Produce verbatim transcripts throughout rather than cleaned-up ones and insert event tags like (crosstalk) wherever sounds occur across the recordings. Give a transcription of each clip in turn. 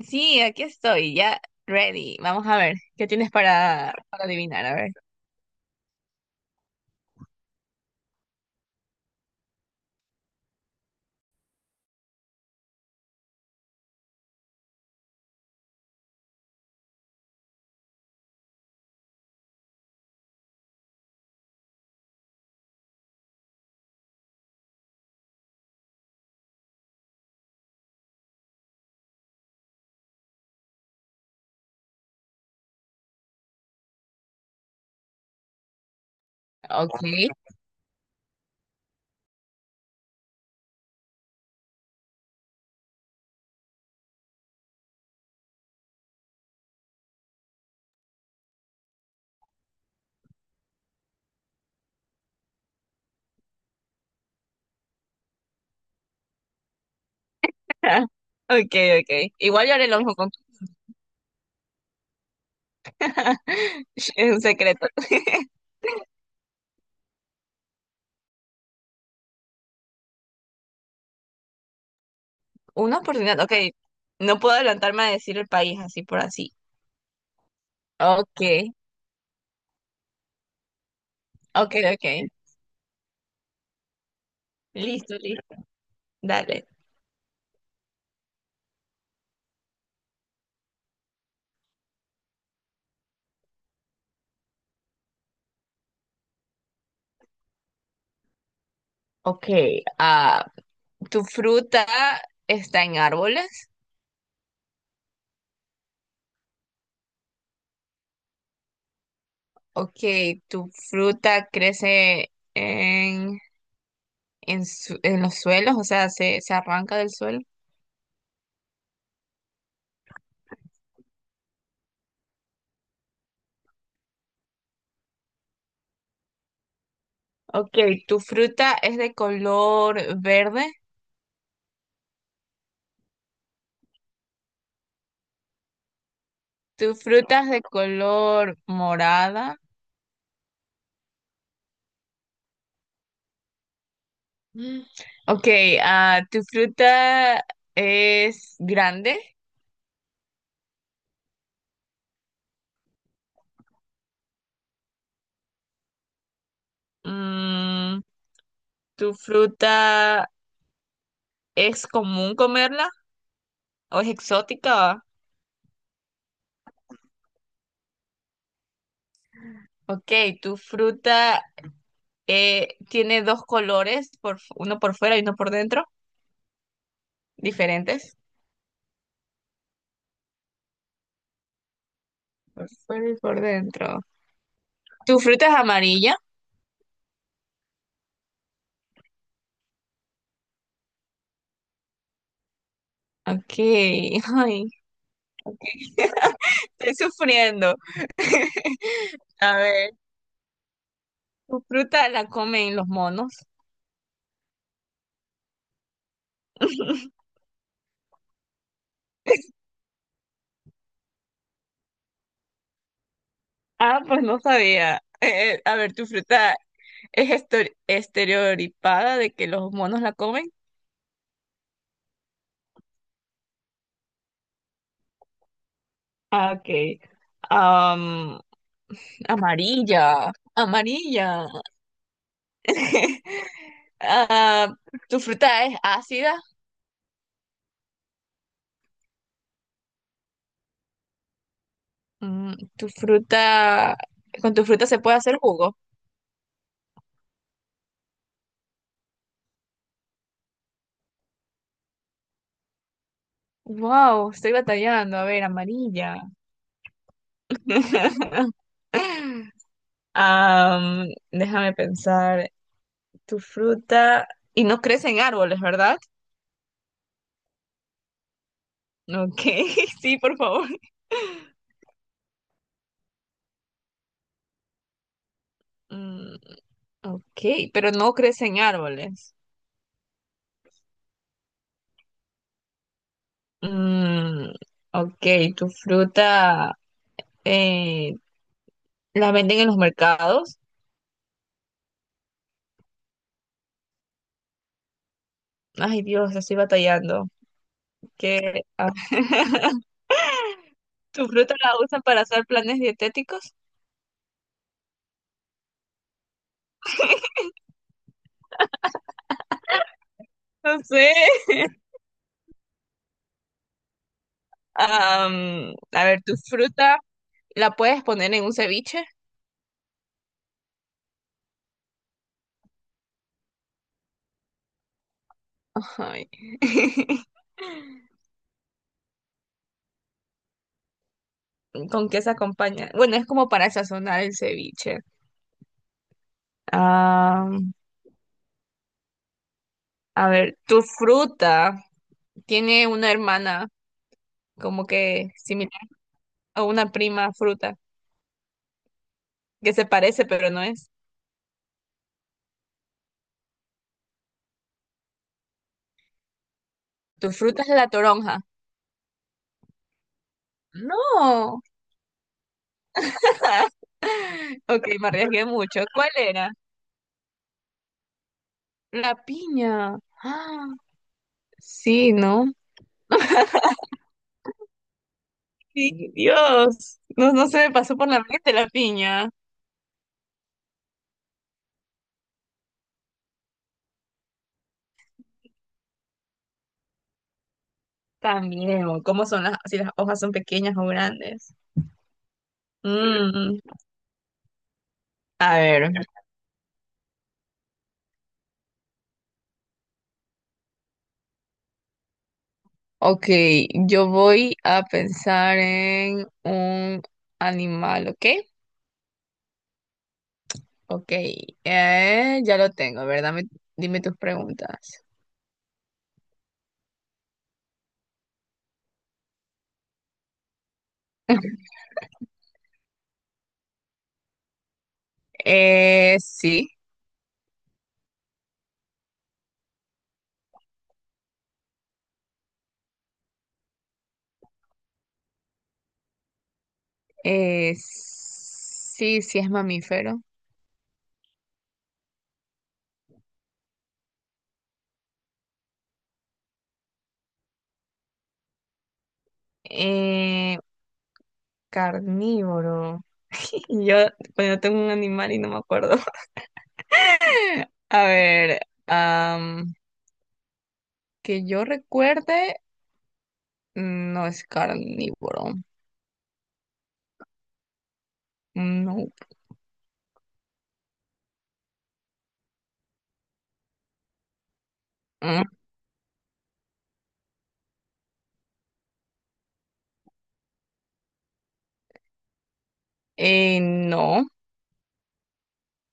Sí, aquí estoy, ya ready. Vamos a ver, ¿qué tienes para, para adivinar? A ver. Ok. (laughs) Ok, ok. Igual yo haré lo mismo con... (laughs) Es un secreto. (laughs) Una oportunidad, ok. No puedo adelantarme a decir el país así por así. Ok, ok, ok. Listo, listo. Dale. Ok, ah, ¿tu fruta está en árboles? Ok, ¿tu fruta crece en, en, su- en los suelos? O sea, ¿se, se arranca del suelo? Ok, ¿tu fruta es de color verde? ¿Tu fruta es de color morada? Mm. Ok, ah, ¿tu fruta es grande? Mm, ¿tu fruta es común comerla o es exótica? Ok, ¿tu fruta eh, tiene dos colores, por, fu- uno por fuera y uno por dentro? ¿Diferentes? Por fuera y por dentro. ¿Tu fruta es amarilla? Ok, (laughs) ay. Estoy sufriendo. (laughs) A ver, ¿tu fruta la comen los monos? (laughs) Ah, pues no sabía. Eh, a ver, ¿tu fruta es estor- estereotipada de que los monos la comen? Ah, ok. Am, amarilla, amarilla. (laughs) Ah, ¿tu fruta es ácida? Mm, ¿tu fruta... ¿Con tu fruta se puede hacer jugo? Wow, estoy batallando. A ver, amarilla. (laughs) Am, déjame pensar, tu fruta y no crece en árboles, ¿verdad? Ok, (laughs) sí, por favor. Mm, ok, pero no crece en árboles. Mm, ok, tu fruta eh, la venden en los mercados. Ay, Dios, estoy batallando. ¿Qué? Ah, (laughs) ¿tu fruta la usan para hacer planes dietéticos? No sé. Am, a ver, tu fruta la puedes poner en un ceviche. Ay. (laughs) ¿Con qué se acompaña? Bueno, es como para sazonar el ceviche. Ah, a ver, tu fruta tiene una hermana como que similar a una prima fruta que se parece, pero no es. Tu fruta es la toronja. No. (laughs) Ok, me arriesgué mucho. ¿Cuál era? La piña. Ah, sí, ¿no? Sí, Dios. No, no se me pasó por la mente la piña. También, o ¿cómo son las, si las hojas son pequeñas o grandes? Mm, a ver. Ok, yo voy a pensar en un animal, ¿ok? Ok, eh, ya lo tengo, ¿verdad? Dame, dime tus preguntas. Eh, sí. Eh, sí, sí es mamífero. Eh, carnívoro. (laughs) Yo bueno, tengo un animal y no me acuerdo. (laughs) A ver, am, que yo recuerde, no es carnívoro. No. Mm, eh, no.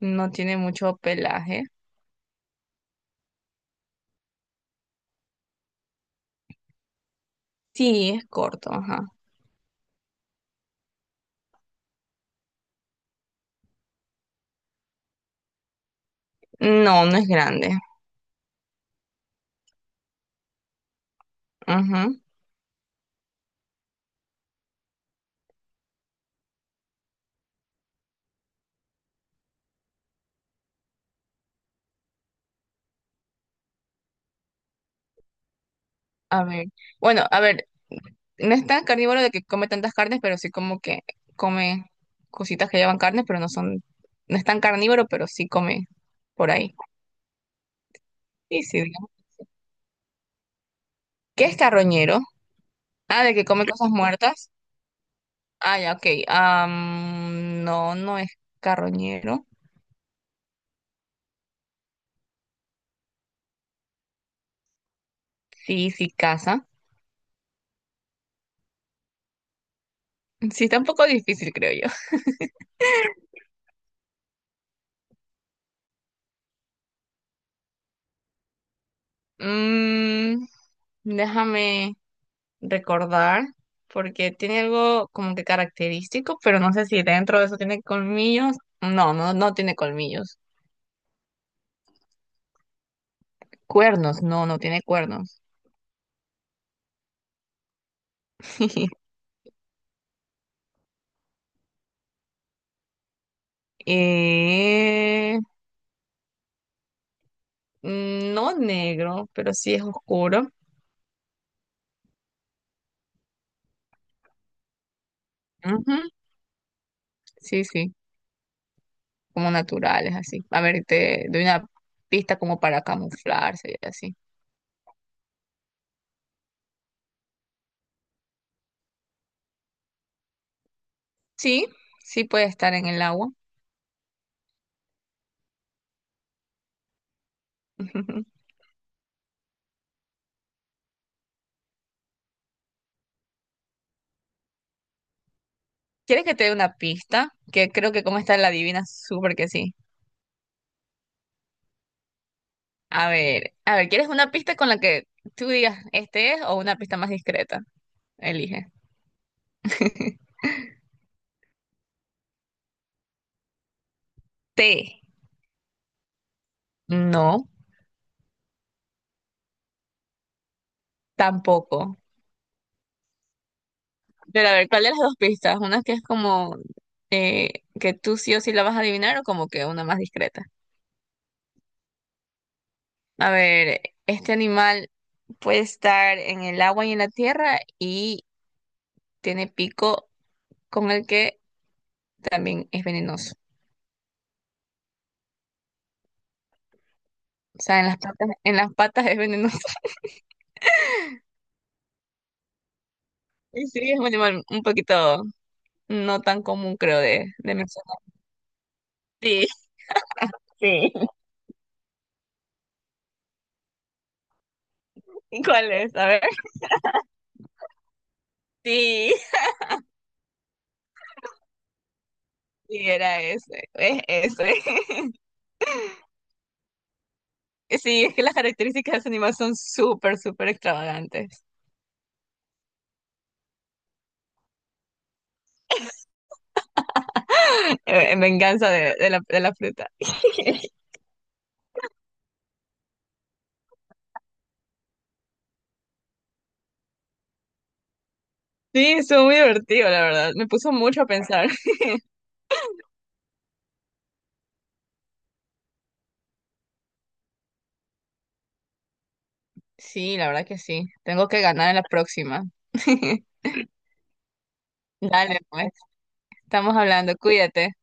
No tiene mucho pelaje. Sí, es corto, ajá. No, no es grande. Ajá. A ver. Bueno, a ver, no es tan carnívoro de que come tantas carnes, pero sí como que come cositas que llevan carne, pero no son, no es tan carnívoro, pero sí come por ahí. Sí, sí, digamos. ¿Qué es carroñero? Ah, de que come cosas muertas. Ah, ya, ok. Am, no, no es carroñero. Sí, sí caza. Sí, está un poco difícil, creo yo. Mm, déjame recordar, porque tiene algo como que característico, pero no sé si dentro de eso tiene colmillos. No, no, no tiene colmillos. Cuernos, no, no tiene cuernos. (laughs) Eh, mm, no negro, pero sí es oscuro. Ujú, sí, sí, como naturales, así. A ver, te doy una pista como para camuflarse y así. Sí, sí puede estar en el agua. (laughs) ¿Quieres que te dé una pista? Que creo que como está la adivina, súper que sí. A ver, a ver, ¿quieres una pista con la que tú digas este es o una pista más discreta? Elige. (laughs) T. No, tampoco. Pero a ver, ¿cuál de las dos pistas? Una que es como eh, que tú sí o sí la vas a adivinar o como que una más discreta. A ver, este animal puede estar en el agua y en la tierra y tiene pico con el que también es venenoso. O sea, en las patas, en las patas es venenoso. (laughs) Y sí, es un animal un poquito no tan común, creo, de, de mencionar. Sí, sí. (laughs) ¿Cuál es? A ver. Sí, sí, era ese. Es ese. (laughs) Sí, es que las características de ese animal son súper, súper extravagantes. (laughs) En venganza de, de la, de la fruta. (laughs) Sí, estuvo muy divertido, la verdad. Me puso mucho a pensar. Sí, la verdad que sí. Tengo que ganar en la próxima. (laughs) Dale, pues. Estamos hablando. Cuídate.